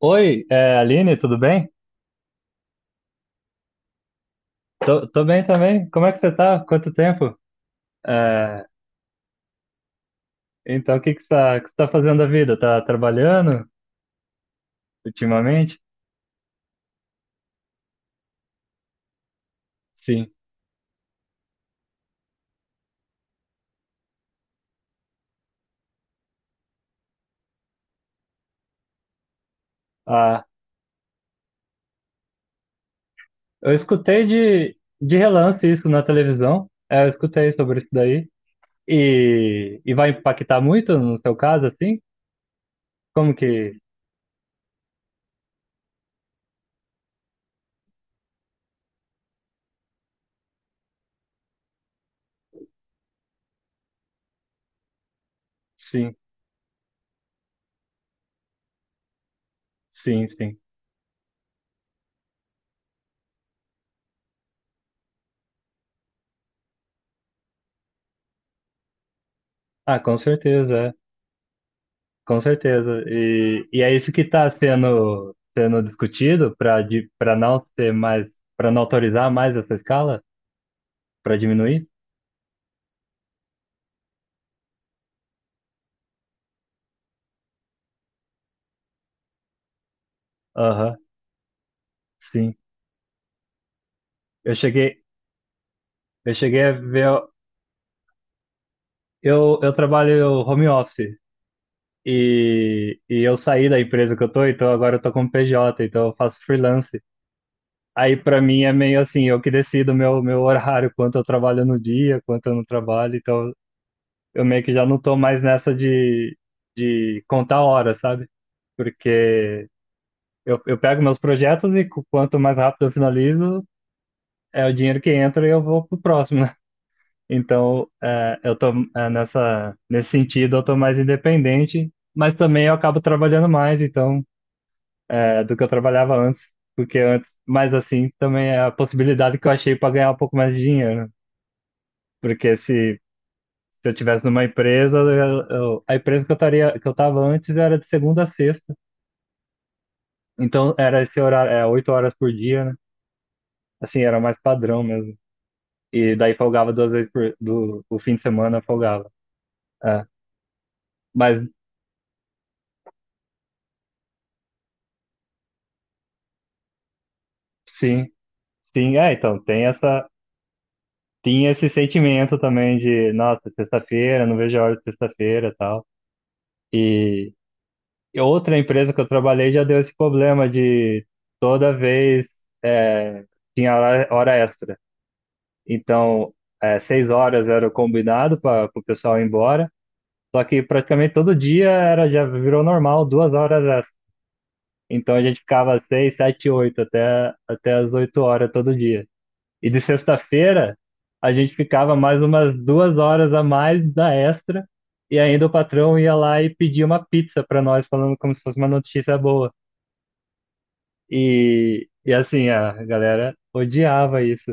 Oi, Aline, tudo bem? Tô bem também. Como é que você tá? Quanto tempo? É, então, o que que você tá fazendo da vida? Tá trabalhando ultimamente? Sim. Ah, eu escutei de relance isso na televisão. É, eu escutei sobre isso daí. E vai impactar muito no seu caso, assim? Como que... Sim, sim, sim. Ah, com certeza, é. Com certeza. E é isso que está sendo discutido para não ter mais, para não autorizar mais essa escala, para diminuir? Aham, sim. Eu cheguei, eu cheguei a ver. Eu trabalho home office e eu saí da empresa que eu tô, então agora eu tô como PJ, então eu faço freelance. Aí para mim é meio assim, eu que decido meu horário, quanto eu trabalho no dia, quanto eu não trabalho, então eu meio que já não tô mais nessa de contar horas, sabe? Porque eu pego meus projetos e quanto mais rápido eu finalizo, é o dinheiro que entra e eu vou pro próximo, né? Então, eu tô nesse sentido, eu tô mais independente, mas também eu acabo trabalhando mais, então, do que eu trabalhava antes, porque antes, mas assim, também é a possibilidade que eu achei para ganhar um pouco mais de dinheiro, né? Porque se se eu tivesse numa empresa, a empresa que eu estaria, que eu estava antes, era de segunda a sexta. Então era esse horário, é, oito horas por dia, né? Assim, era mais padrão mesmo. E daí folgava duas vezes o fim de semana, folgava. É. Mas sim, sim, é, então tinha esse sentimento também de, nossa, sexta-feira, não vejo a hora de sexta-feira, e tal. E e outra empresa que eu trabalhei já deu esse problema de toda vez, é, tinha hora extra. Então, é, seis horas era o combinado para o pessoal ir embora. Só que praticamente todo dia era, já virou normal, duas horas extra. Então a gente ficava seis, sete, até as oito horas todo dia. E de sexta-feira a gente ficava mais umas duas horas a mais da extra. E ainda o patrão ia lá e pedia uma pizza para nós, falando como se fosse uma notícia boa. E assim, a galera odiava isso.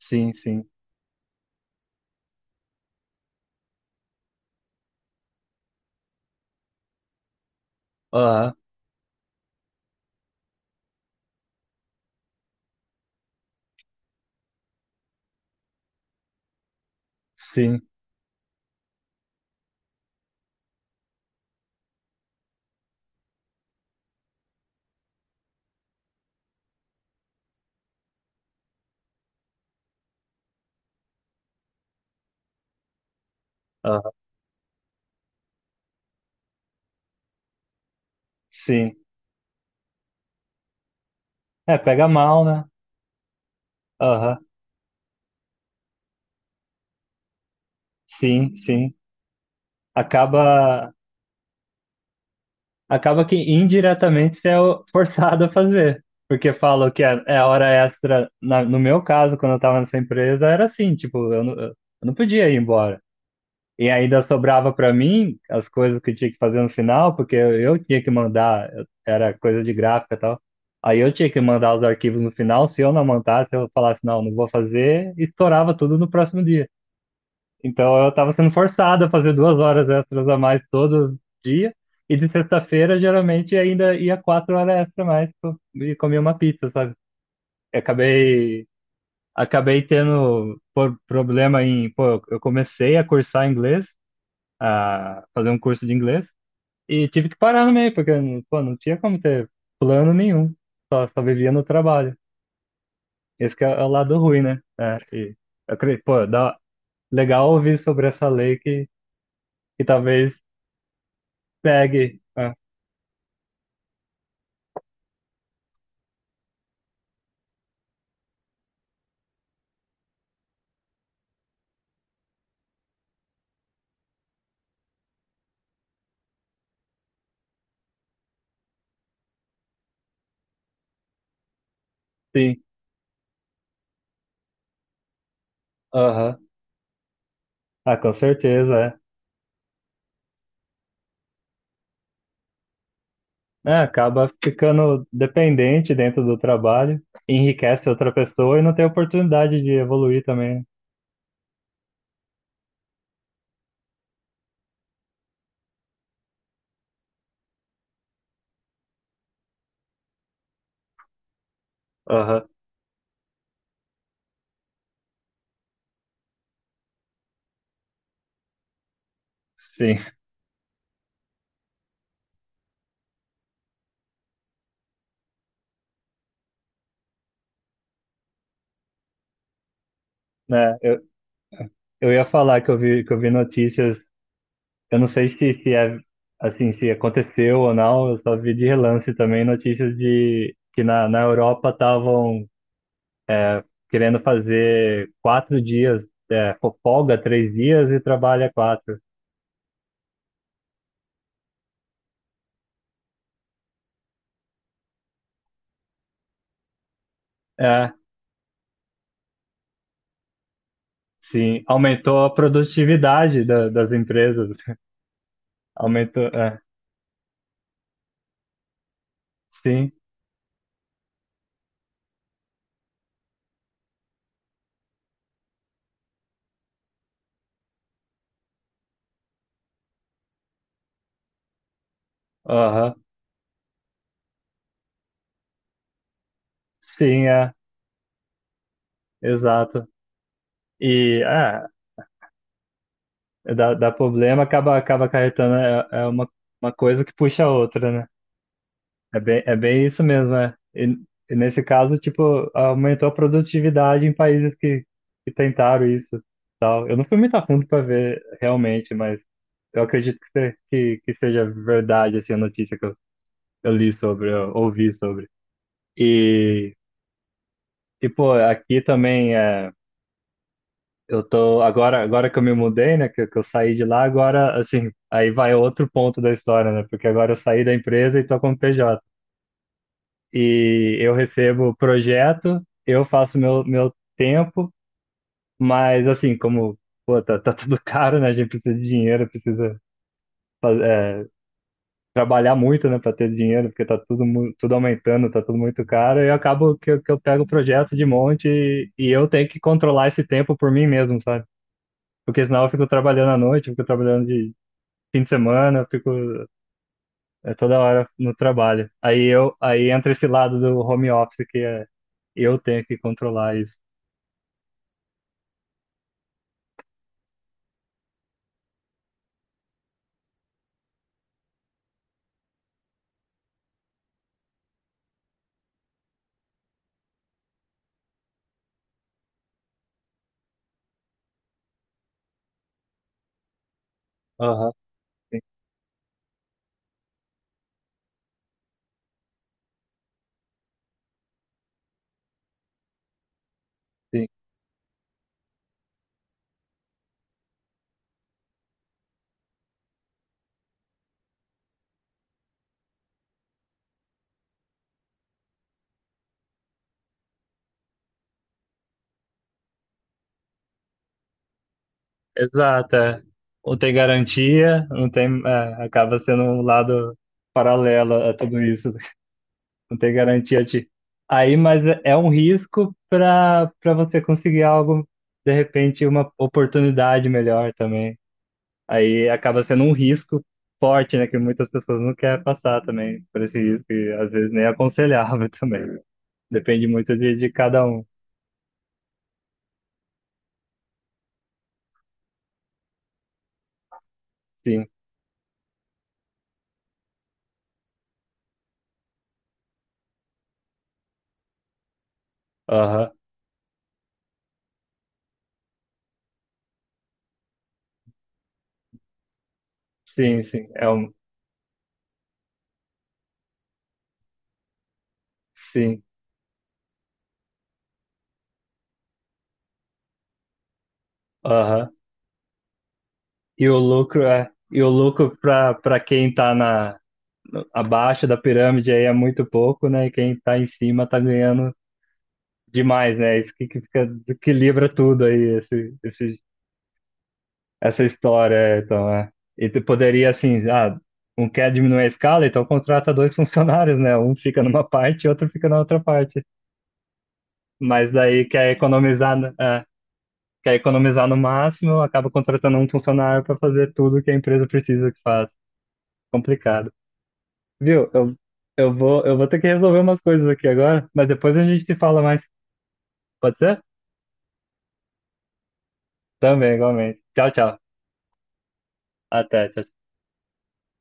Sim, sim. Aham, sim. Aham, sim. É, pega mal, né? Aham. Sim, sim. Acaba, Acaba que indiretamente você é forçado a fazer. Porque falam que é hora extra. No meu caso, quando eu estava nessa empresa, era assim, tipo, eu não podia ir embora. E ainda sobrava para mim as coisas que eu tinha que fazer no final, porque eu tinha que era coisa de gráfica e tal. Aí eu tinha que mandar os arquivos no final, se eu não mandasse, eu falasse, não, não vou fazer, e estourava tudo no próximo dia. Então eu estava sendo forçado a fazer duas horas extras a mais todo dia. E de sexta-feira, geralmente, ainda ia quatro horas extra a mais e comia uma pizza, sabe? Eu acabei, acabei tendo problema em. Pô, eu comecei a cursar inglês, a fazer um curso de inglês, e tive que parar no meio, porque pô, não tinha como ter plano nenhum. Só vivia no trabalho. Esse que é o lado ruim, né? É, e, pô, dá, legal ouvir sobre essa lei que talvez pegue. Ah, sim. Aham. Ah, com certeza, é. É, acaba ficando dependente dentro do trabalho, enriquece outra pessoa e não tem oportunidade de evoluir também. Aham. Sim. Né, eu ia falar que eu vi notícias, eu não sei se é assim, se aconteceu ou não, eu só vi de relance também notícias de que na Europa estavam querendo fazer quatro dias, é, folga três dias e trabalha quatro. É, sim, aumentou a produtividade das empresas. Aumentou, é, sim, aham, sim, é, exato. E é, dá, dá problema, acaba, acaba acarretando, é, é uma coisa que puxa a outra, né? É bem isso mesmo, é. E nesse caso, tipo, aumentou a produtividade em países que tentaram isso, tal. Eu não fui muito a fundo para ver realmente, mas eu acredito que, se- que seja verdade, assim, a notícia que eu li sobre, eu ouvi sobre. E, tipo, aqui também é. Eu tô. Agora, agora que eu me mudei, né? Que eu saí de lá, agora, assim, aí vai outro ponto da história, né? Porque agora eu saí da empresa e tô como PJ. E eu recebo projeto, eu faço meu tempo, mas assim, como, pô, tá tudo caro, né? A gente precisa de dinheiro, precisa fazer, trabalhar muito, né, para ter dinheiro, porque tá tudo, tudo aumentando, tá tudo muito caro, e eu acabo que, eu pego o projeto de monte e eu tenho que controlar esse tempo por mim mesmo, sabe? Porque senão eu fico trabalhando à noite, eu fico trabalhando de fim de semana, eu fico é, toda hora no trabalho. Aí entra esse lado do home office que é eu tenho que controlar isso. Aham, sim, sim. Exato, é. Não tem garantia, não tem, é, acaba sendo um lado paralelo a tudo isso, não tem garantia de. Aí, mas é é um risco para para você conseguir algo, de repente, uma oportunidade melhor também. Aí acaba sendo um risco forte, né? Que muitas pessoas não querem passar também por esse risco, e às vezes nem é aconselhável também. Depende muito de cada um. Sim. Aham. Sim, sim. É um. Sim. Aham. E o lucro é. E o lucro para para quem tá na abaixo da pirâmide aí é muito pouco, né? E quem tá em cima tá ganhando demais, né? Isso que fica, equilibra tudo aí, esse, essa história, é. Então, é. E tu poderia, assim, ah, um quer diminuir a escala, então contrata dois funcionários, né? Um fica numa parte e outro fica na outra parte. Mas daí quer economizar, é, quer economizar no máximo, acaba contratando um funcionário para fazer tudo que a empresa precisa que faz. Complicado. Viu? Eu vou ter que resolver umas coisas aqui agora, mas depois a gente se fala mais. Pode ser? Também, igualmente. Tchau, tchau. Até, tchau.